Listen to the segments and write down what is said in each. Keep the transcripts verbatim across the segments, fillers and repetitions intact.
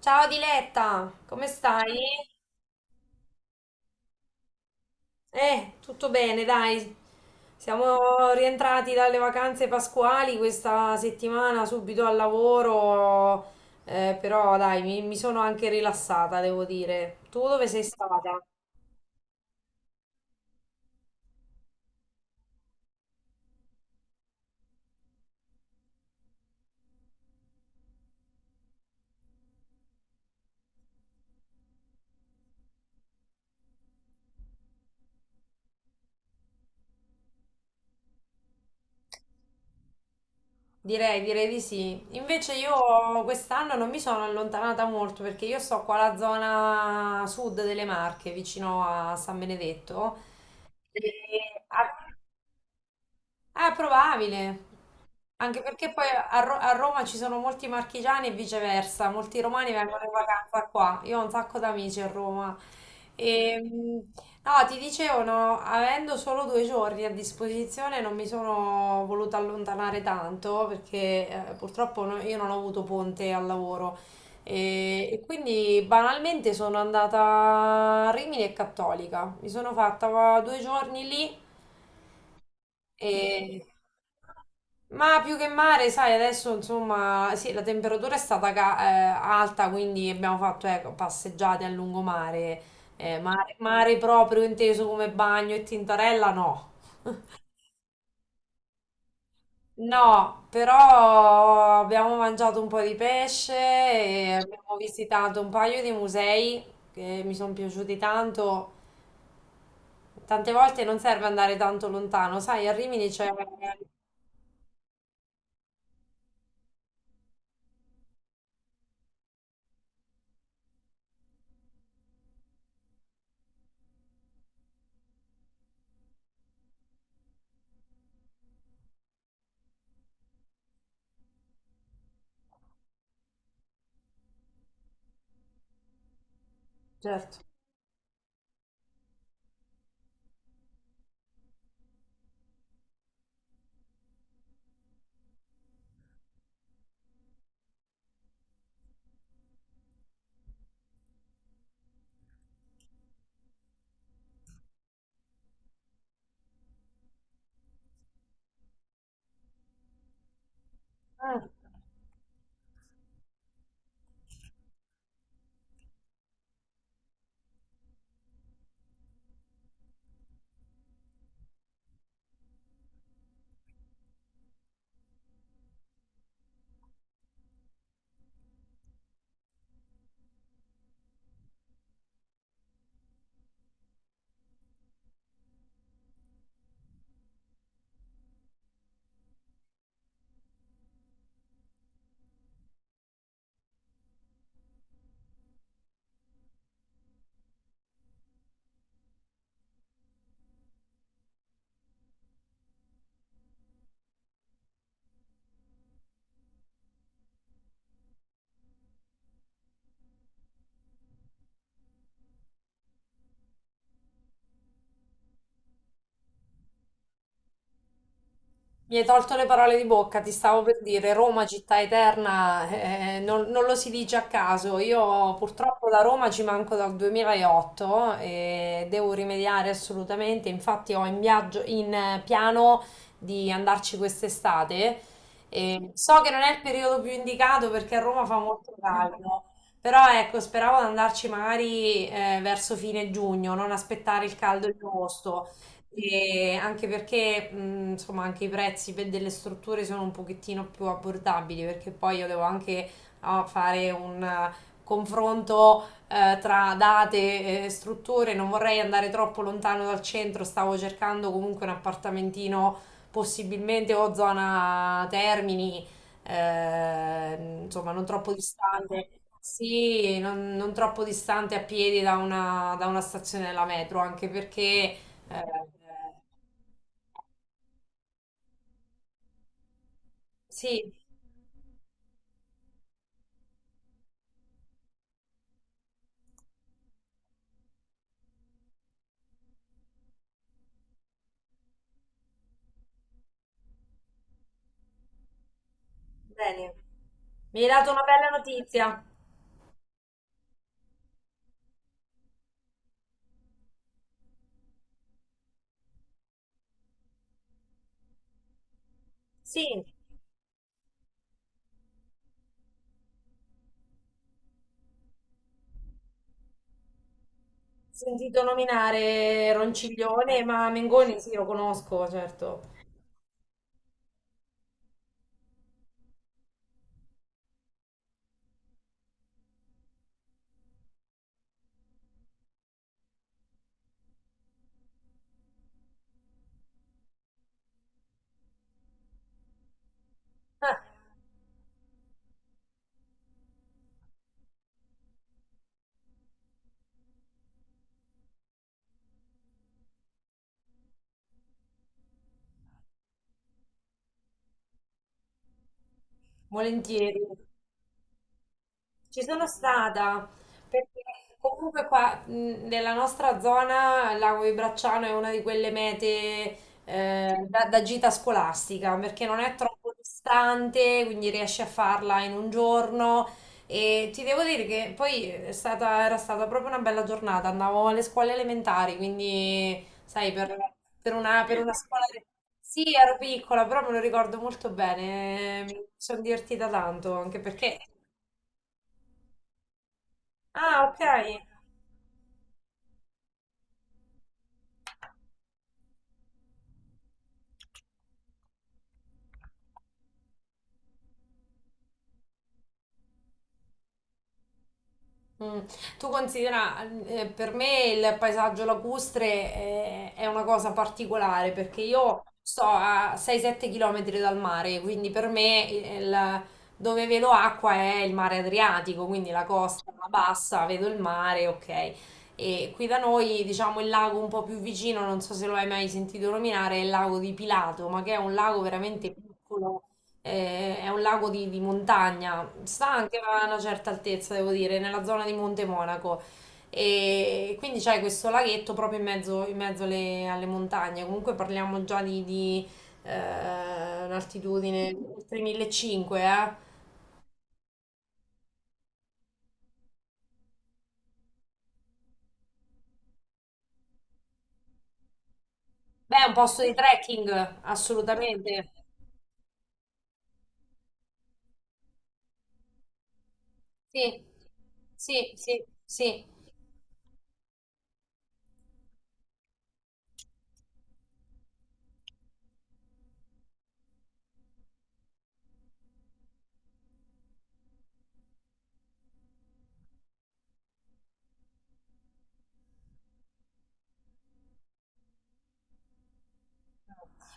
Ciao Diletta, come stai? Eh, tutto bene, dai. Siamo rientrati dalle vacanze pasquali questa settimana, subito al lavoro, eh, però dai, mi, mi sono anche rilassata, devo dire. Tu dove sei stata? Direi, direi di sì. Invece io quest'anno non mi sono allontanata molto perché io sto qua alla zona sud delle Marche, vicino a San Benedetto. E- Ah, è probabile. Anche perché poi a, Ro- a Roma ci sono molti marchigiani e viceversa, molti romani vengono in vacanza qua. Io ho un sacco d'amici a Roma. E, mh, no, ti dicevano, avendo solo due giorni a disposizione, non mi sono voluta allontanare tanto perché eh, purtroppo no- io non ho avuto ponte al lavoro. E, e quindi banalmente sono andata a Rimini e Cattolica. Mi sono fatta due giorni lì. E... Ma più che mare, sai, adesso insomma, sì, la temperatura è stata ca- eh, alta, quindi abbiamo fatto ecco, passeggiate a lungomare, eh, mare, mare proprio inteso come bagno e tintorella, no. No, però abbiamo mangiato un po' di pesce e abbiamo visitato un paio di musei che mi sono piaciuti tanto. Tante volte non serve andare tanto lontano, sai, a Rimini c'è... Certo. Mi hai tolto le parole di bocca, ti stavo per dire Roma, città eterna, eh, eh, non, non lo si dice a caso. Io purtroppo da Roma ci manco dal duemilaotto e devo rimediare assolutamente. Infatti ho in viaggio, in eh, piano di andarci quest'estate. E so che non è il periodo più indicato perché a Roma fa molto caldo, però ecco, speravo di andarci magari eh, verso fine giugno, non aspettare il caldo di agosto. E anche perché, mh, insomma, anche i prezzi per delle strutture sono un pochettino più abbordabili, perché poi io devo anche no, fare un eh, confronto eh, tra date e strutture. Non vorrei andare troppo lontano dal centro, stavo cercando comunque un appartamentino, possibilmente o zona Termini, eh, insomma, non troppo distante. Sì, non, non troppo distante a piedi da una, da una stazione della metro, anche perché eh, eh, sì, bene. Mi hai dato una bella notizia. Sì, ho sentito nominare Ronciglione, ma Mengoni sì, lo conosco, certo. Ah, volentieri. Ci sono stata, perché comunque qua mh, nella nostra zona il Lago di Bracciano è una di quelle mete eh, da, da gita scolastica, perché non è troppo distante, quindi riesci a farla in un giorno. E ti devo dire che poi è stata- era stata proprio una bella giornata, andavo alle scuole elementari, quindi sai, per, per una, per una scuola... Sì, ero piccola, però me lo ricordo molto bene, mi sono divertita tanto, anche perché... Ah, ok. Mm. Tu considera, eh, per me il paesaggio lacustre eh, è, una cosa particolare perché io sto a sei sette km dal mare, quindi per me eh, il- dove vedo acqua è il mare Adriatico, quindi la costa la bassa, vedo il mare, ok. E qui da noi, diciamo, il lago un po' più vicino, non so se lo hai mai sentito nominare, è il lago di Pilato, ma che è un lago veramente piccolo. Eh, È un lago di, di montagna, sta anche a una certa altezza, devo dire, nella zona di Monte Monaco. E quindi c'è questo laghetto proprio in mezzo, in mezzo alle, alle montagne. Comunque parliamo già di, di, eh, un'altitudine oltre millecinquecento, eh. Beh, è un posto di trekking, assolutamente. Sì, sì, sì, sì.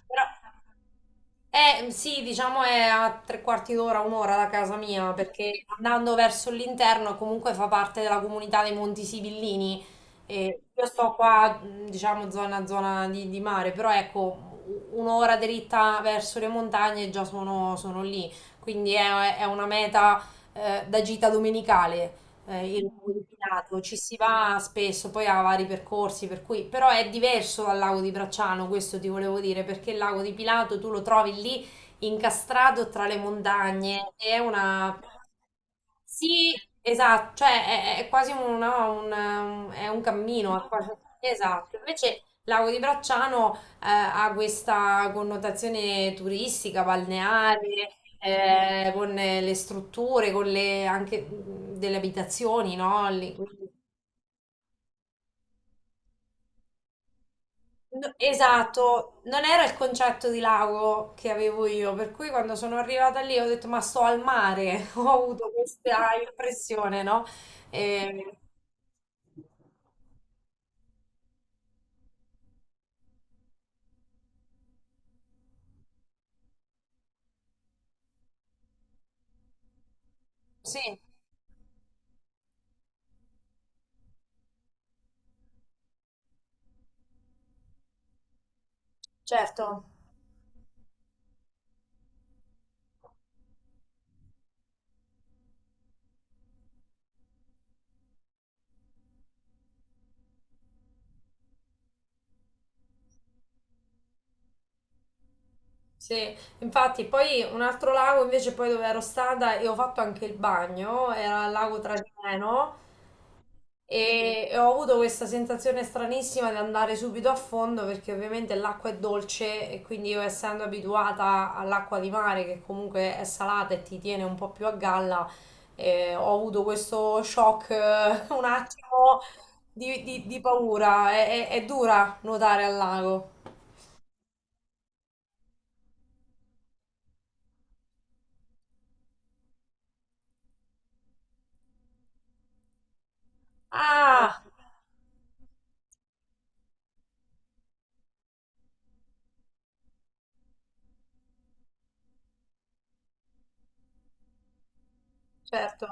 Però, eh, sì, diciamo è a tre quarti d'ora, un'ora da casa mia, perché andando verso l'interno comunque fa parte della comunità dei Monti Sibillini. E io sto qua, mh, diciamo, zona, zona di, di mare, però ecco, u- un'ora dritta verso le montagne e già sono, sono lì. Quindi è, è una meta, eh, da gita domenicale eh, il lago di Pilato, ci si va spesso, poi ha vari percorsi, per cui però è diverso dal lago di Bracciano, questo ti volevo dire, perché il lago di Pilato tu lo trovi lì incastrato tra le montagne, è una... Sì, esatto, cioè è, è quasi un, no, un- un- è un cammino, è quasi- esatto, invece il lago di Bracciano eh, ha questa connotazione turistica, balneare, eh, con eh, le strutture, con le anche mh, delle abitazioni, no? Lì, quindi- no, esatto, non era il concetto di lago che avevo io, per cui quando sono arrivata lì ho detto ma sto al mare, ho avuto questa impressione, no? Eh, sì, certo. Sì, infatti poi un altro lago invece poi dove ero stata e ho fatto anche il bagno, era il lago Trasimeno e, e ho avuto questa sensazione stranissima di andare subito a fondo perché ovviamente l'acqua è dolce e quindi io essendo abituata all'acqua di mare che comunque è salata e ti tiene un po' più a galla, eh, ho avuto questo shock eh, un attimo di, di- di paura, è, è- è dura nuotare al lago. Ah, certo.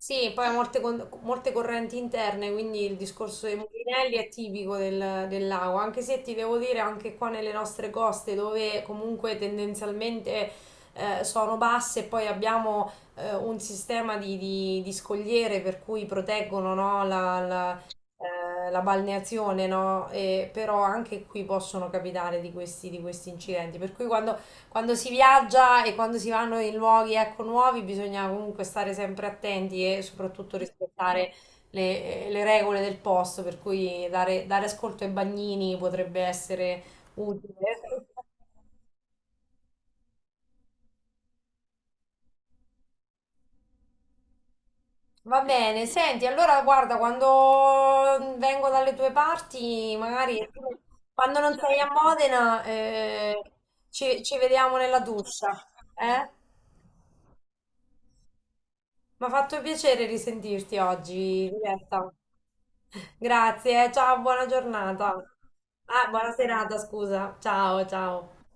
Sì, poi ha molte, con- molte correnti interne, quindi il discorso dei mulinelli è tipico del, del lago, anche se ti devo dire anche qua nelle nostre coste dove comunque tendenzialmente eh, sono basse, poi abbiamo eh, un sistema di, di- di scogliere per cui proteggono no, la, la- eh, la balneazione, no? E però anche qui possono capitare di questi, di questi incidenti, per cui quando quando si viaggia e quando si vanno in luoghi ecco, nuovi bisogna comunque stare sempre attenti e soprattutto rispettare le, eh, le regole del posto, per cui dare, dare ascolto ai bagnini potrebbe essere utile. Va bene, senti, allora guarda, quando vengo dalle tue parti, magari quando non sei a Modena, eh, ci, ci vediamo nella doccia, eh? Mi ha fatto piacere risentirti oggi, Roberta. Grazie, ciao, buona giornata. Ah, buona serata, scusa. Ciao, ciao.